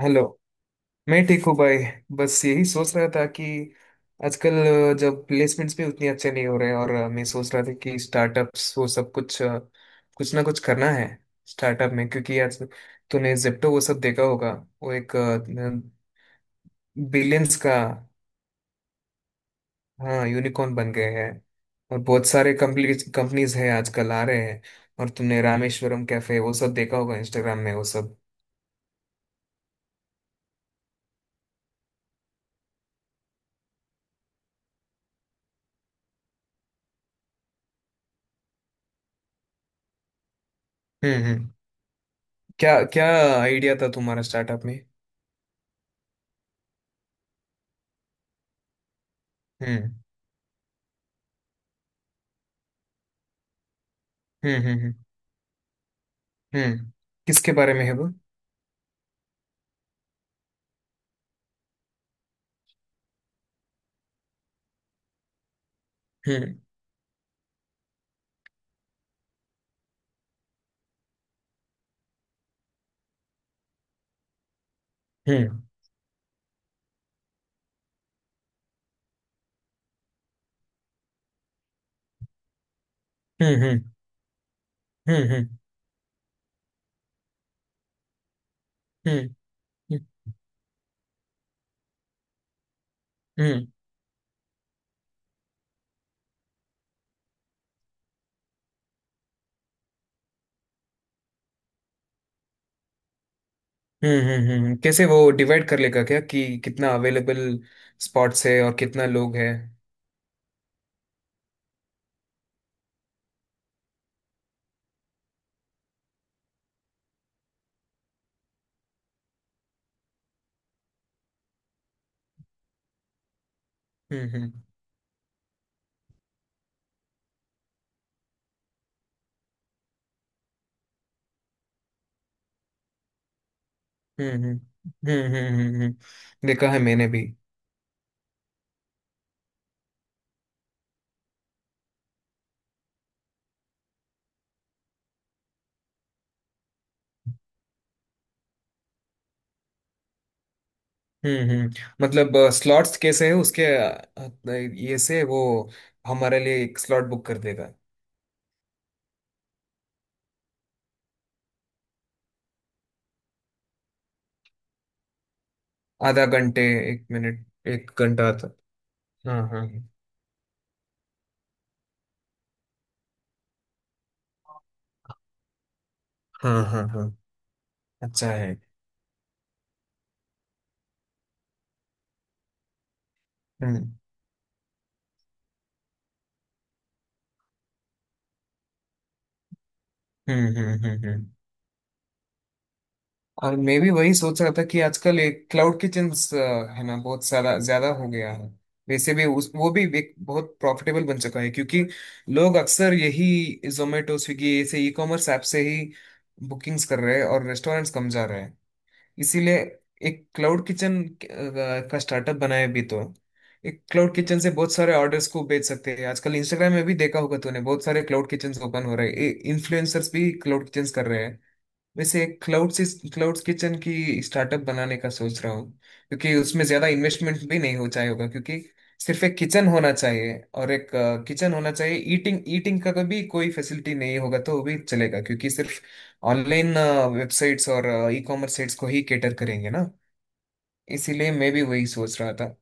Hello. मैं ठीक हूँ भाई। बस यही सोच रहा था कि आजकल, जब प्लेसमेंट्स भी उतनी अच्छे नहीं हो रहे हैं, और मैं सोच रहा था कि स्टार्टअप्स वो सब कुछ, कुछ ना कुछ करना है स्टार्टअप में, क्योंकि आज तूने जेप्टो वो सब देखा होगा। वो एक बिलियंस का। हाँ, यूनिकॉर्न बन गए हैं। और बहुत सारे कंपनीज हैं आजकल आ रहे हैं। और तुमने रामेश्वरम कैफे वो सब देखा होगा इंस्टाग्राम में वो सब। हम्म। क्या क्या आइडिया था तुम्हारा स्टार्टअप में? हम्म हम्म हम्म हम्म हम्म। किसके बारे में है वो? हम्म हम्म हम्म हम्म हम्म हम्म हम्म कैसे वो डिवाइड कर लेगा क्या, कि कितना अवेलेबल स्पॉट्स है और कितना लोग है? हम्म हम्म हम्म हम्म हम्म। देखा है मैंने भी। हम्म। मतलब स्लॉट्स कैसे है उसके, ये से वो हमारे लिए एक स्लॉट बुक कर देगा। आधा घंटे, एक मिनट, एक घंटा तक। हाँ हाँ हाँ हाँ हाँ। अच्छा है। हम्म हम्म हम्म हम्म। और मैं भी वही सोच रहा था कि आजकल एक क्लाउड किचन्स है ना, बहुत सारा ज्यादा हो गया है। वैसे भी उस वो भी एक बहुत प्रॉफिटेबल बन चुका है, क्योंकि लोग अक्सर यही जोमेटो स्विगी ऐसे ई कॉमर्स ऐप से ही बुकिंग्स कर रहे हैं और रेस्टोरेंट्स कम जा रहे हैं। इसीलिए एक क्लाउड किचन का स्टार्टअप बनाया भी तो एक क्लाउड किचन से बहुत सारे ऑर्डर्स को बेच सकते हैं। आजकल इंस्टाग्राम में भी देखा होगा तूने, बहुत सारे क्लाउड किचन ओपन हो रहे हैं, इन्फ्लुएंसर्स भी क्लाउड किचन कर रहे हैं। वैसे क्लाउड्स क्लाउड्स किचन की स्टार्टअप बनाने का सोच रहा हूँ, क्योंकि उसमें ज़्यादा इन्वेस्टमेंट भी नहीं हो जाएगा। क्योंकि सिर्फ एक किचन होना चाहिए, और एक किचन होना चाहिए। ईटिंग ईटिंग का कभी कोई फैसिलिटी नहीं होगा तो वो भी चलेगा, क्योंकि सिर्फ ऑनलाइन वेबसाइट्स और ई कॉमर्स साइट्स को ही कैटर करेंगे ना। इसीलिए मैं भी वही सोच रहा था।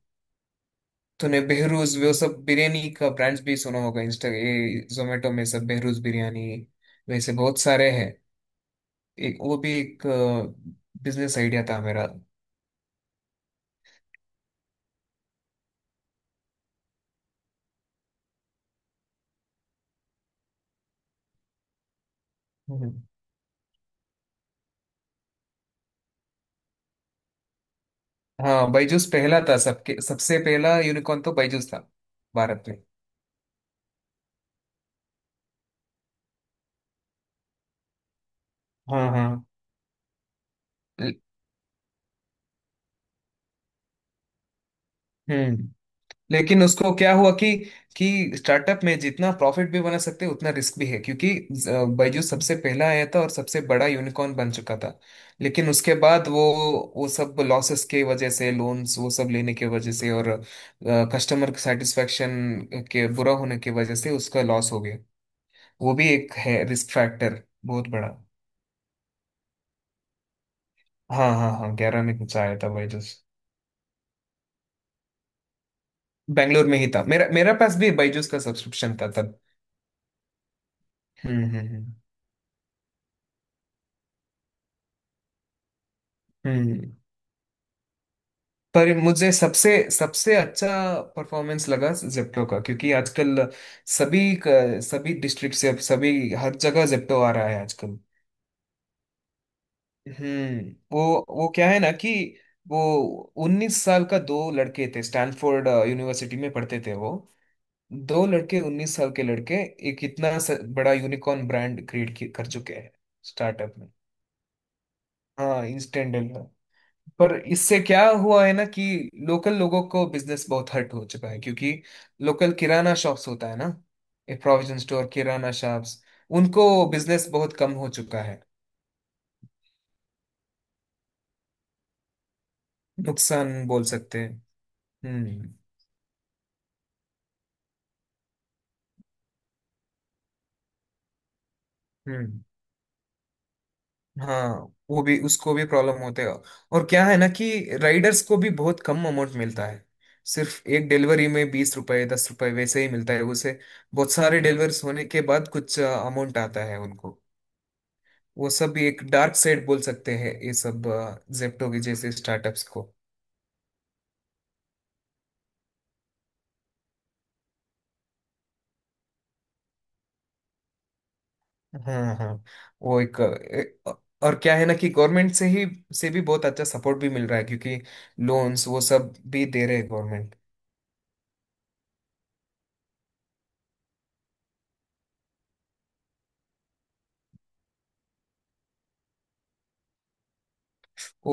तूने बेहरूज वो सब बिरयानी का ब्रांड्स भी सुना होगा, इंस्टा, ये जोमेटो में सब बेहरूज बिरयानी, वैसे बहुत सारे हैं। एक वो भी एक बिजनेस आइडिया था मेरा। हम्म। हाँ, बायजूस पहला था, सबके सबसे पहला यूनिकॉर्न तो बायजूस था भारत में। हाँ हाँ। ल- हम्म। लेकिन उसको क्या हुआ कि स्टार्टअप में जितना प्रॉफिट भी बना सकते हैं उतना रिस्क भी है। क्योंकि बायजूस सबसे पहला आया था और सबसे बड़ा यूनिकॉर्न बन चुका था, लेकिन उसके बाद वो सब लॉसेस के वजह से, लोन्स वो सब लेने के वजह से, और कस्टमर सेटिस्फेक्शन के बुरा होने की वजह से उसका लॉस हो गया। वो भी एक है रिस्क फैक्टर बहुत बड़ा। हाँ हाँ हाँ, 11 में कुछ आया था बायजूस। बेंगलोर में ही था, मेरा मेरा पास भी बायजूस का सब्सक्रिप्शन था तब। हम्म हम्म हम्म हम्म। पर मुझे सबसे सबसे अच्छा परफॉर्मेंस लगा जेप्टो का, क्योंकि आजकल सभी, सभी डिस्ट्रिक्ट से, अब सभी हर जगह जेप्टो आ रहा है आजकल। हम्म। वो क्या है ना कि वो 19 साल का दो लड़के थे, स्टैनफोर्ड यूनिवर्सिटी में पढ़ते थे वो, दो लड़के 19 साल के लड़के एक इतना बड़ा यूनिकॉर्न ब्रांड क्रिएट कर चुके हैं स्टार्टअप में। हाँ, इंस्टेंट डील है। पर इससे क्या हुआ है ना कि लोकल लोगों को बिजनेस बहुत हर्ट हो चुका है, क्योंकि लोकल किराना शॉप्स होता है ना, ये प्रोविजन स्टोर किराना शॉप्स, उनको बिजनेस बहुत कम हो चुका है। नुकसान बोल सकते हैं। हम्म हम्म। हाँ, वो भी, उसको भी प्रॉब्लम होते हैं। और क्या है ना कि राइडर्स को भी बहुत कम अमाउंट मिलता है, सिर्फ एक डिलीवरी में ₹20, ₹10 वैसे ही मिलता है उसे। बहुत सारे डिलीवर्स होने के बाद कुछ अमाउंट आता है उनको। वो सब एक डार्क साइड बोल सकते हैं ये सब, जेप्टो के जैसे स्टार्टअप्स को। हाँ हाँ। वो एक, अ, और क्या है ना कि गवर्नमेंट से ही, से भी बहुत अच्छा सपोर्ट भी मिल रहा है, क्योंकि लोन्स वो सब भी दे रहे हैं गवर्नमेंट।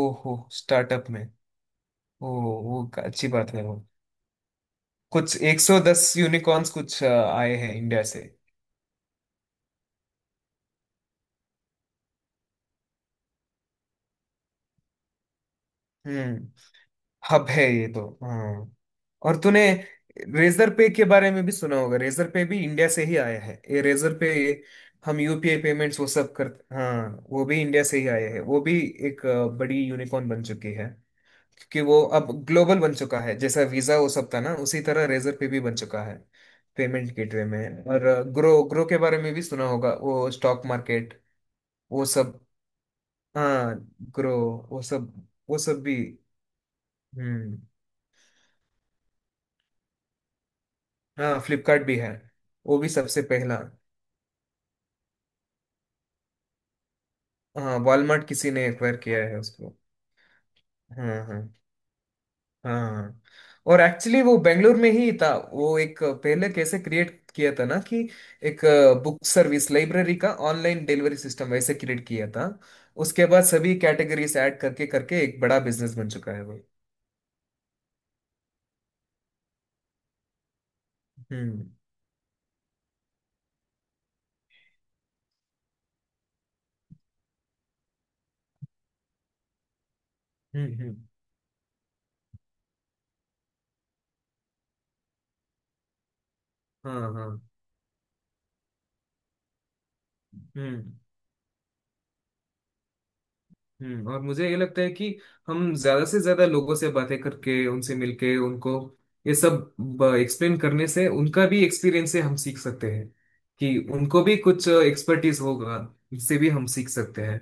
ओहो, स्टार्टअप में। ओ, वो अच्छी बात है वो। कुछ 110 यूनिकॉर्न्स कुछ आए हैं इंडिया से। हम्म, हब है ये तो, हाँ। और तूने रेजर पे के बारे में भी सुना होगा, रेजर पे भी इंडिया से ही आया है, ये रेजर पे। हम यूपीआई पेमेंट्स वो सब करते, हाँ, वो भी इंडिया से ही आए हैं वो भी। एक बड़ी यूनिकॉर्न बन चुकी है। क्योंकि वो अब ग्लोबल बन चुका है, जैसा वीजा वो सब था ना, उसी तरह रेजर पे भी बन चुका है पेमेंट गेटवे में। और ग्रो ग्रो के बारे में भी सुना होगा वो, स्टॉक मार्केट वो सब। हाँ, ग्रो वो सब, वो सब भी। हम्म। हाँ, फ्लिपकार्ट भी है, वो भी सबसे पहला। हाँ, वॉलमार्ट किसी ने एक्वायर किया है उसको। हाँ हाँ हाँ। और एक्चुअली वो बेंगलोर में ही था। वो एक पहले कैसे क्रिएट किया था ना कि एक बुक सर्विस लाइब्रेरी का ऑनलाइन डिलीवरी सिस्टम वैसे क्रिएट किया था। उसके बाद सभी कैटेगरीज ऐड करके करके एक बड़ा बिजनेस बन चुका है वो। हम्म हम्म। हाँ हाँ। हम्म हम्म। और मुझे ये लगता है कि हम ज्यादा से ज्यादा लोगों से बातें करके, उनसे मिलके उनको ये सब एक्सप्लेन करने से, उनका भी एक्सपीरियंस से हम सीख सकते हैं, कि उनको भी कुछ एक्सपर्टीज होगा, इससे भी हम सीख सकते हैं।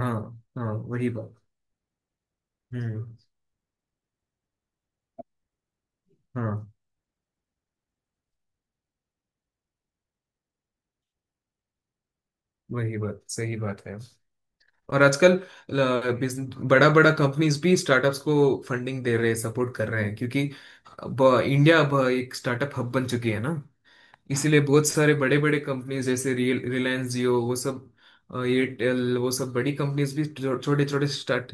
हाँ हाँ, वही बात। हम्म, हाँ वही बात, सही बात है। और आजकल बड़ा बड़ा कंपनीज भी स्टार्टअप्स को फंडिंग दे रहे हैं, सपोर्ट कर रहे हैं, क्योंकि अब इंडिया अब एक स्टार्टअप हब बन चुकी है ना। इसीलिए बहुत सारे बड़े बड़े कंपनीज जैसे रियल रिलायंस जियो वो सब, एयरटेल वो सब बड़ी कंपनीज भी छोटे छोटे स्टार्ट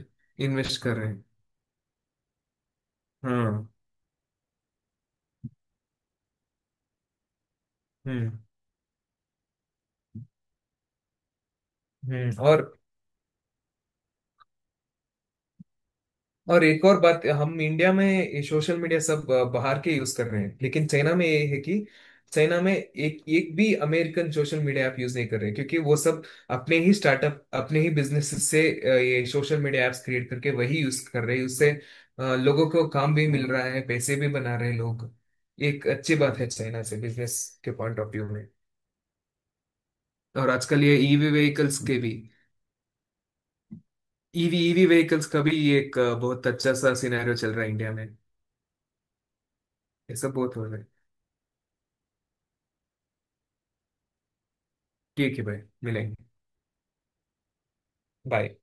इन्वेस्ट कर रहे हैं। हाँ। हम्म हम्म। और एक और बात, हम इंडिया में ये सोशल मीडिया सब, बाहर के यूज कर रहे हैं। लेकिन चाइना में ये है कि चाइना में एक एक भी American social media app use नहीं कर रहे हैं, क्योंकि वो सब अपने ही स्टार्टअप अपने ही बिजनेस से, ये सोशल मीडिया ऐप्स क्रिएट करके वही यूज कर रहे हैं। उससे लोगों को काम भी मिल रहा है, पैसे भी बना रहे हैं लोग। एक अच्छी बात है चाइना से बिजनेस के पॉइंट ऑफ व्यू में। और आजकल ये ईवी व्हीकल्स के भी, ईवी ईवी व्हीकल्स का भी एक, बहुत अच्छा सा सिनेरियो चल रहा है इंडिया में। ये सब बहुत हो रहा है। ठीक है भाई, मिलेंगे। बाय।